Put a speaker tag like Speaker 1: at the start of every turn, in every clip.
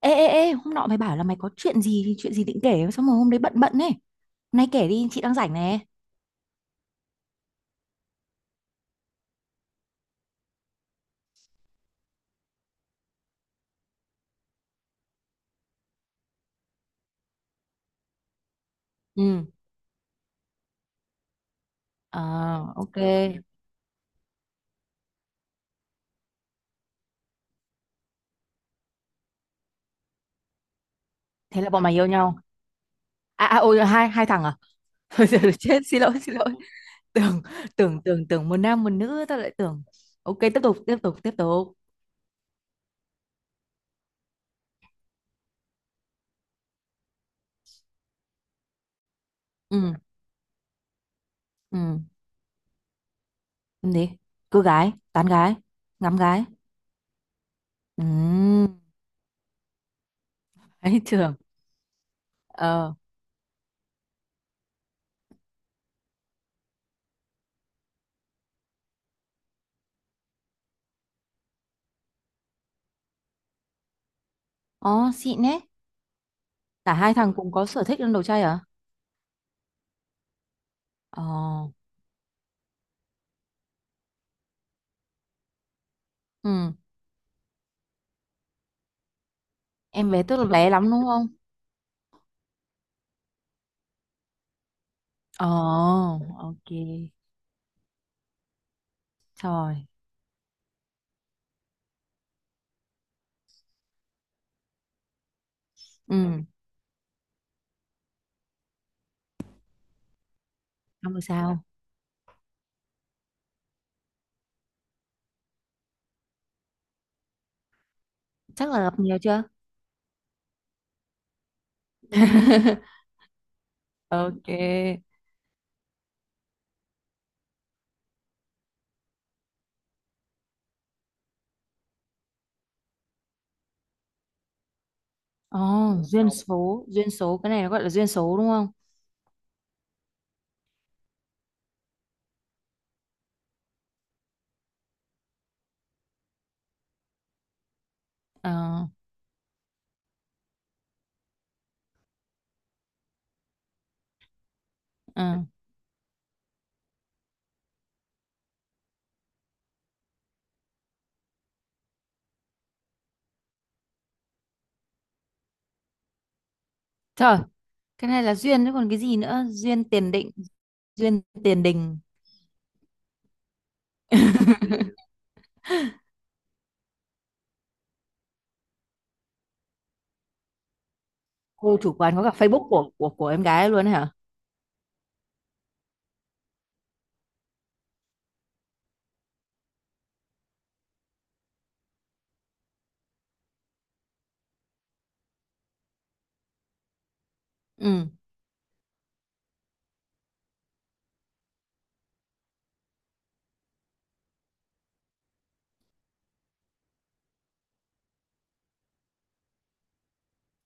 Speaker 1: Ê, ê, ê, hôm nọ mày bảo là mày có chuyện gì định kể, xong rồi hôm đấy bận bận ấy. Hôm nay kể đi, chị đang rảnh nè. Ừ, à, ok. Thế là bọn mày yêu nhau. À, à ôi, hai thằng à? Thôi, giờ chết, xin lỗi, xin lỗi. Tưởng, tưởng một nam một nữ, tao lại tưởng. Ok, tiếp tục, tiếp tục, tiếp tục. Ừ, ừ, làm gì? Cưa gái, tán gái, ngắm gái. Ừ, ấy trường. Ờ. Ồ, xịn ấy. Cả hai thằng cùng có sở thích ăn đồ chay à? Ờ, ừ. Em bé tức là bé lắm đúng không? Ồ, ok. Rồi. Ừ, không được sao. Chắc là gặp nhiều chưa? Ok. Ồ, duyên số. Duyên số. Cái này nó gọi là duyên số đúng không? Ờ, ờ. Trời, cái này là duyên chứ còn cái gì nữa? Duyên tiền định. Duyên tiền đình. Cô chủ quán có cả Facebook của em gái luôn ấy hả? Ừ.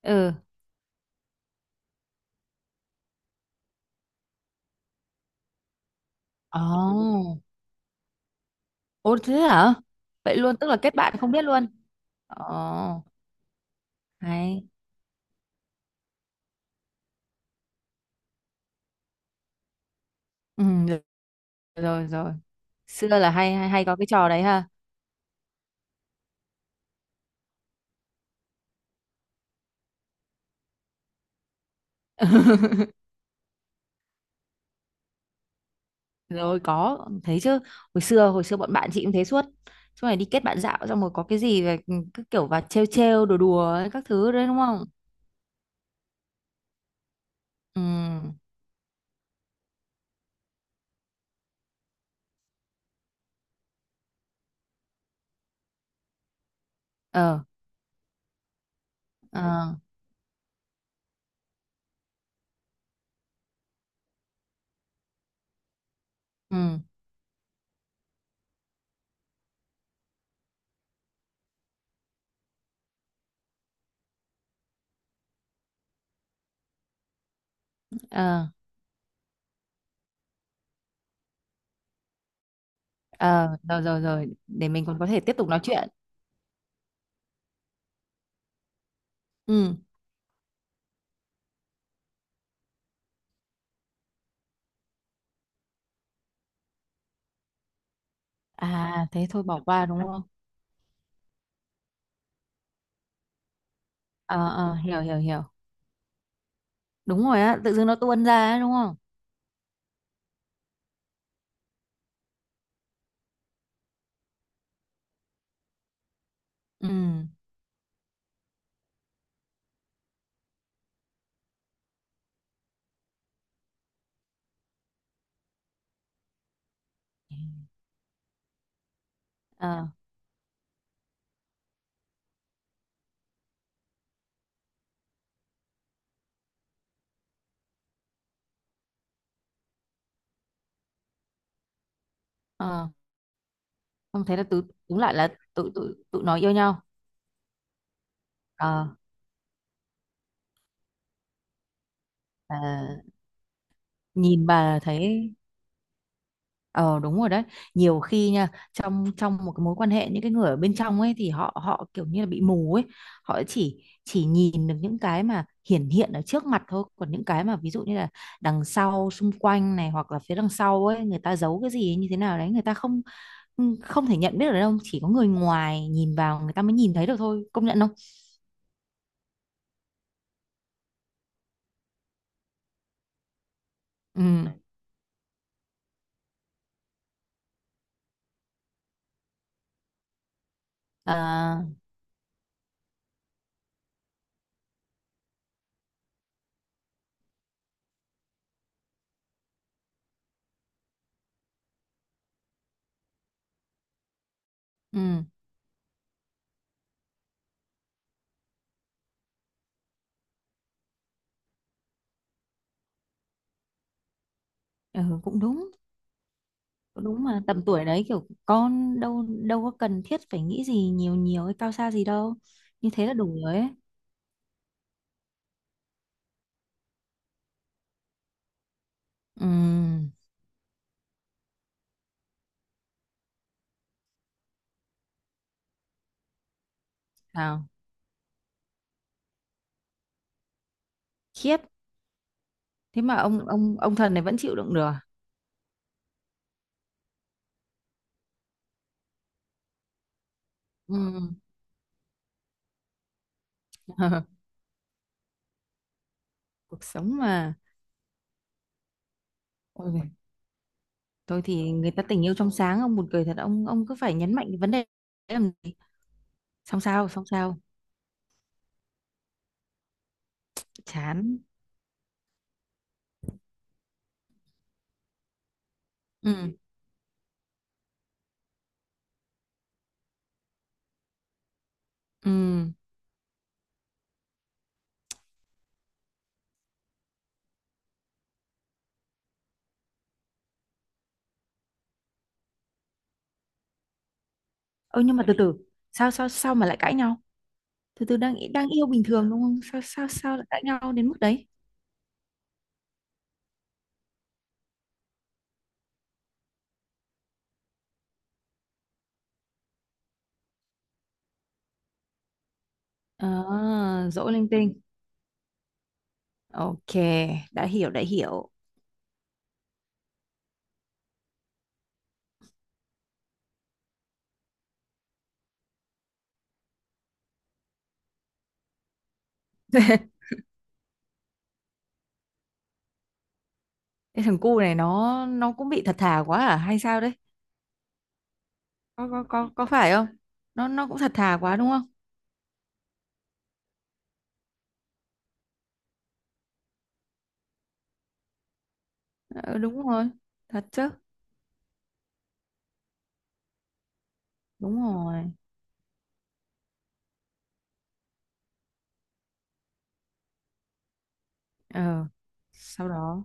Speaker 1: Ừ. Ồ. Ồ, thế hả? Vậy luôn, tức là kết bạn không biết luôn. Ồ, hay. Ừ, rồi rồi, rồi. Xưa là hay hay hay có cái trò đấy ha. Rồi, có thấy chứ. Hồi xưa hồi xưa bọn bạn chị cũng thế suốt, suốt ngày đi kết bạn dạo xong rồi có cái gì về cứ kiểu vào trêu trêu đùa đùa ấy, các thứ đấy đúng không? Ừ, ờ, ờ. Ừ, ờ, ờ. Rồi, rồi, rồi để mình còn có thể tiếp tục nói chuyện. Ừ. À, thế thôi bỏ qua đúng không? Ờ, ờ, hiểu, hiểu, hiểu. Đúng rồi á, tự dưng nó tuôn ra ấy, đúng không? Ừ, ờ, ờ. Không, thế là tụi đúng lại là tụi tụi tụi nó yêu nhau. Ờ, ờ, nhìn bà thấy. Ờ, đúng rồi đấy. Nhiều khi nha, trong trong một cái mối quan hệ, những cái người ở bên trong ấy thì họ họ kiểu như là bị mù ấy, họ chỉ nhìn được những cái mà hiển hiện ở trước mặt thôi, còn những cái mà ví dụ như là đằng sau xung quanh này hoặc là phía đằng sau ấy người ta giấu cái gì ấy, như thế nào đấy người ta không không thể nhận biết được đâu, chỉ có người ngoài nhìn vào người ta mới nhìn thấy được thôi, công nhận không? Ừ, à, ừ, ừ cũng đúng. Đúng mà tầm tuổi đấy kiểu con đâu đâu có cần thiết phải nghĩ gì nhiều nhiều hay cao xa gì đâu, như thế là đủ rồi ấy. Ừm, nào, khiếp, thế mà ông thần này vẫn chịu đựng được à? Ừm, cuộc sống mà. Ôi, giời, tôi thì người ta tình yêu trong sáng ông buồn cười thật, ông cứ phải nhấn mạnh cái vấn đề đấy làm gì, xong sao xong sao. Chán. Ừ, ừ. Ơ nhưng mà từ từ, sao sao sao mà lại cãi nhau, từ từ đang đang yêu bình thường đúng không, sao sao sao lại cãi nhau đến mức đấy? À, dỗ linh tinh. Ok, đã hiểu, đã hiểu. Cái thằng cu này nó cũng bị thật thà quá à hay sao đấy? Có phải không? Nó cũng thật thà quá đúng không? Ờ, đúng rồi. Thật chứ. Đúng rồi. Ờ. Sau đó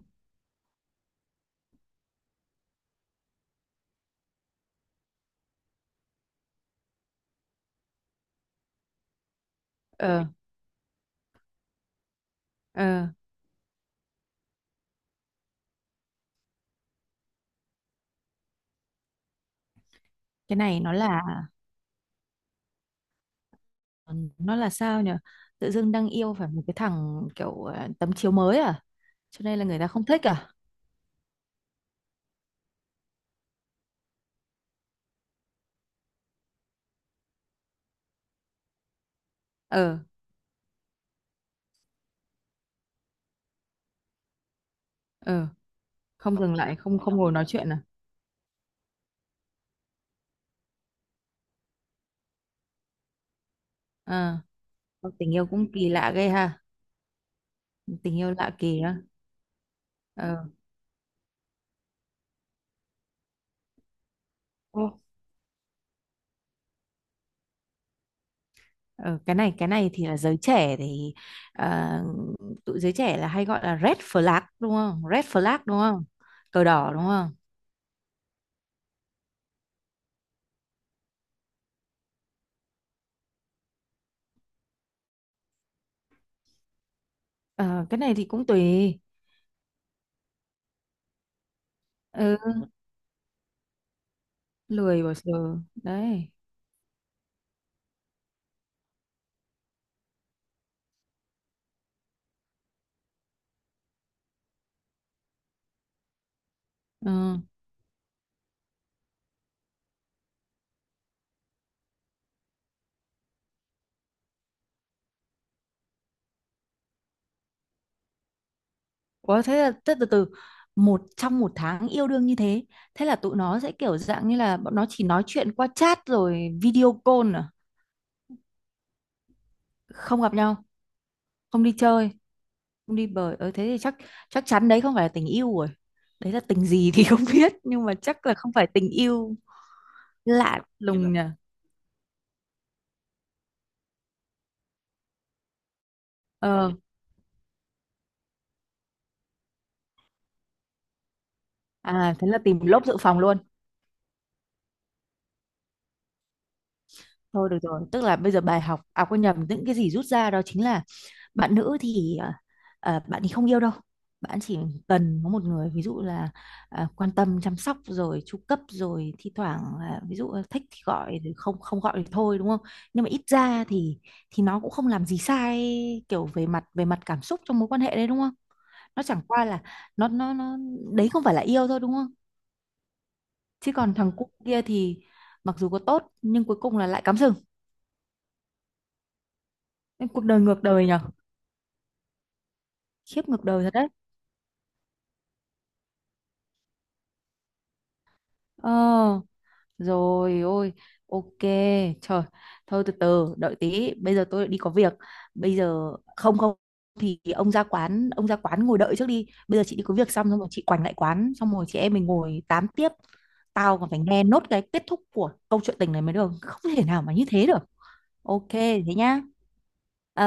Speaker 1: ờ ờ cái này nó là sao nhỉ? Tự dưng đang yêu phải một cái thằng kiểu tấm chiếu mới à? Cho nên là người ta không thích à? Ờ, ờ, không dừng lại, không không ngồi nói chuyện à? Ờ, tình yêu cũng kỳ lạ ghê ha. Tình yêu lạ kỳ á. Ờ, ồ, ờ, cái này thì là giới trẻ thì à, tụi giới trẻ là hay gọi là red flag đúng không, red flag đúng không, cờ đỏ đúng không? Ờ, cái này thì cũng tùy. Ừ, lười bỏ giờ đấy. Ừ. Ủa thế là thế từ từ, một trong một tháng yêu đương như thế, thế là tụi nó sẽ kiểu dạng như là bọn nó chỉ nói chuyện qua chat rồi video call à, không gặp nhau, không đi chơi, không đi bời thế thì chắc, chắc chắn đấy không phải là tình yêu rồi, đấy là tình gì thì không biết nhưng mà chắc là không phải tình yêu. Lạ như là lùng nhỉ. Ờ. À, thế là tìm lốp dự phòng luôn. Thôi được rồi, tức là bây giờ bài học, à quên nhầm, những cái gì rút ra đó chính là bạn nữ thì bạn thì không yêu đâu, bạn chỉ cần có một người, ví dụ là quan tâm chăm sóc rồi chu cấp rồi thi thoảng là ví dụ là thích thì gọi rồi không không gọi thì thôi đúng không? Nhưng mà ít ra thì nó cũng không làm gì sai, kiểu về mặt cảm xúc trong mối quan hệ đấy đúng không? Nó chẳng qua là, nó đấy không phải là yêu thôi đúng không? Chứ còn thằng cu kia thì mặc dù có tốt nhưng cuối cùng là lại cắm sừng. Nên cuộc đời ngược đời nhở, khiếp, ngược đời thật đấy. Ờ. Rồi ôi, ok, trời, thôi từ từ, đợi tí, bây giờ tôi đi có việc. Bây giờ không, không thì ông ra quán ngồi đợi trước đi. Bây giờ chị đi có việc xong xong rồi chị quành lại quán, xong rồi chị em mình ngồi tám tiếp. Tao còn phải nghe nốt cái kết thúc của câu chuyện tình này mới được, không thể nào mà như thế được. Ok, thế nhá. Ờ.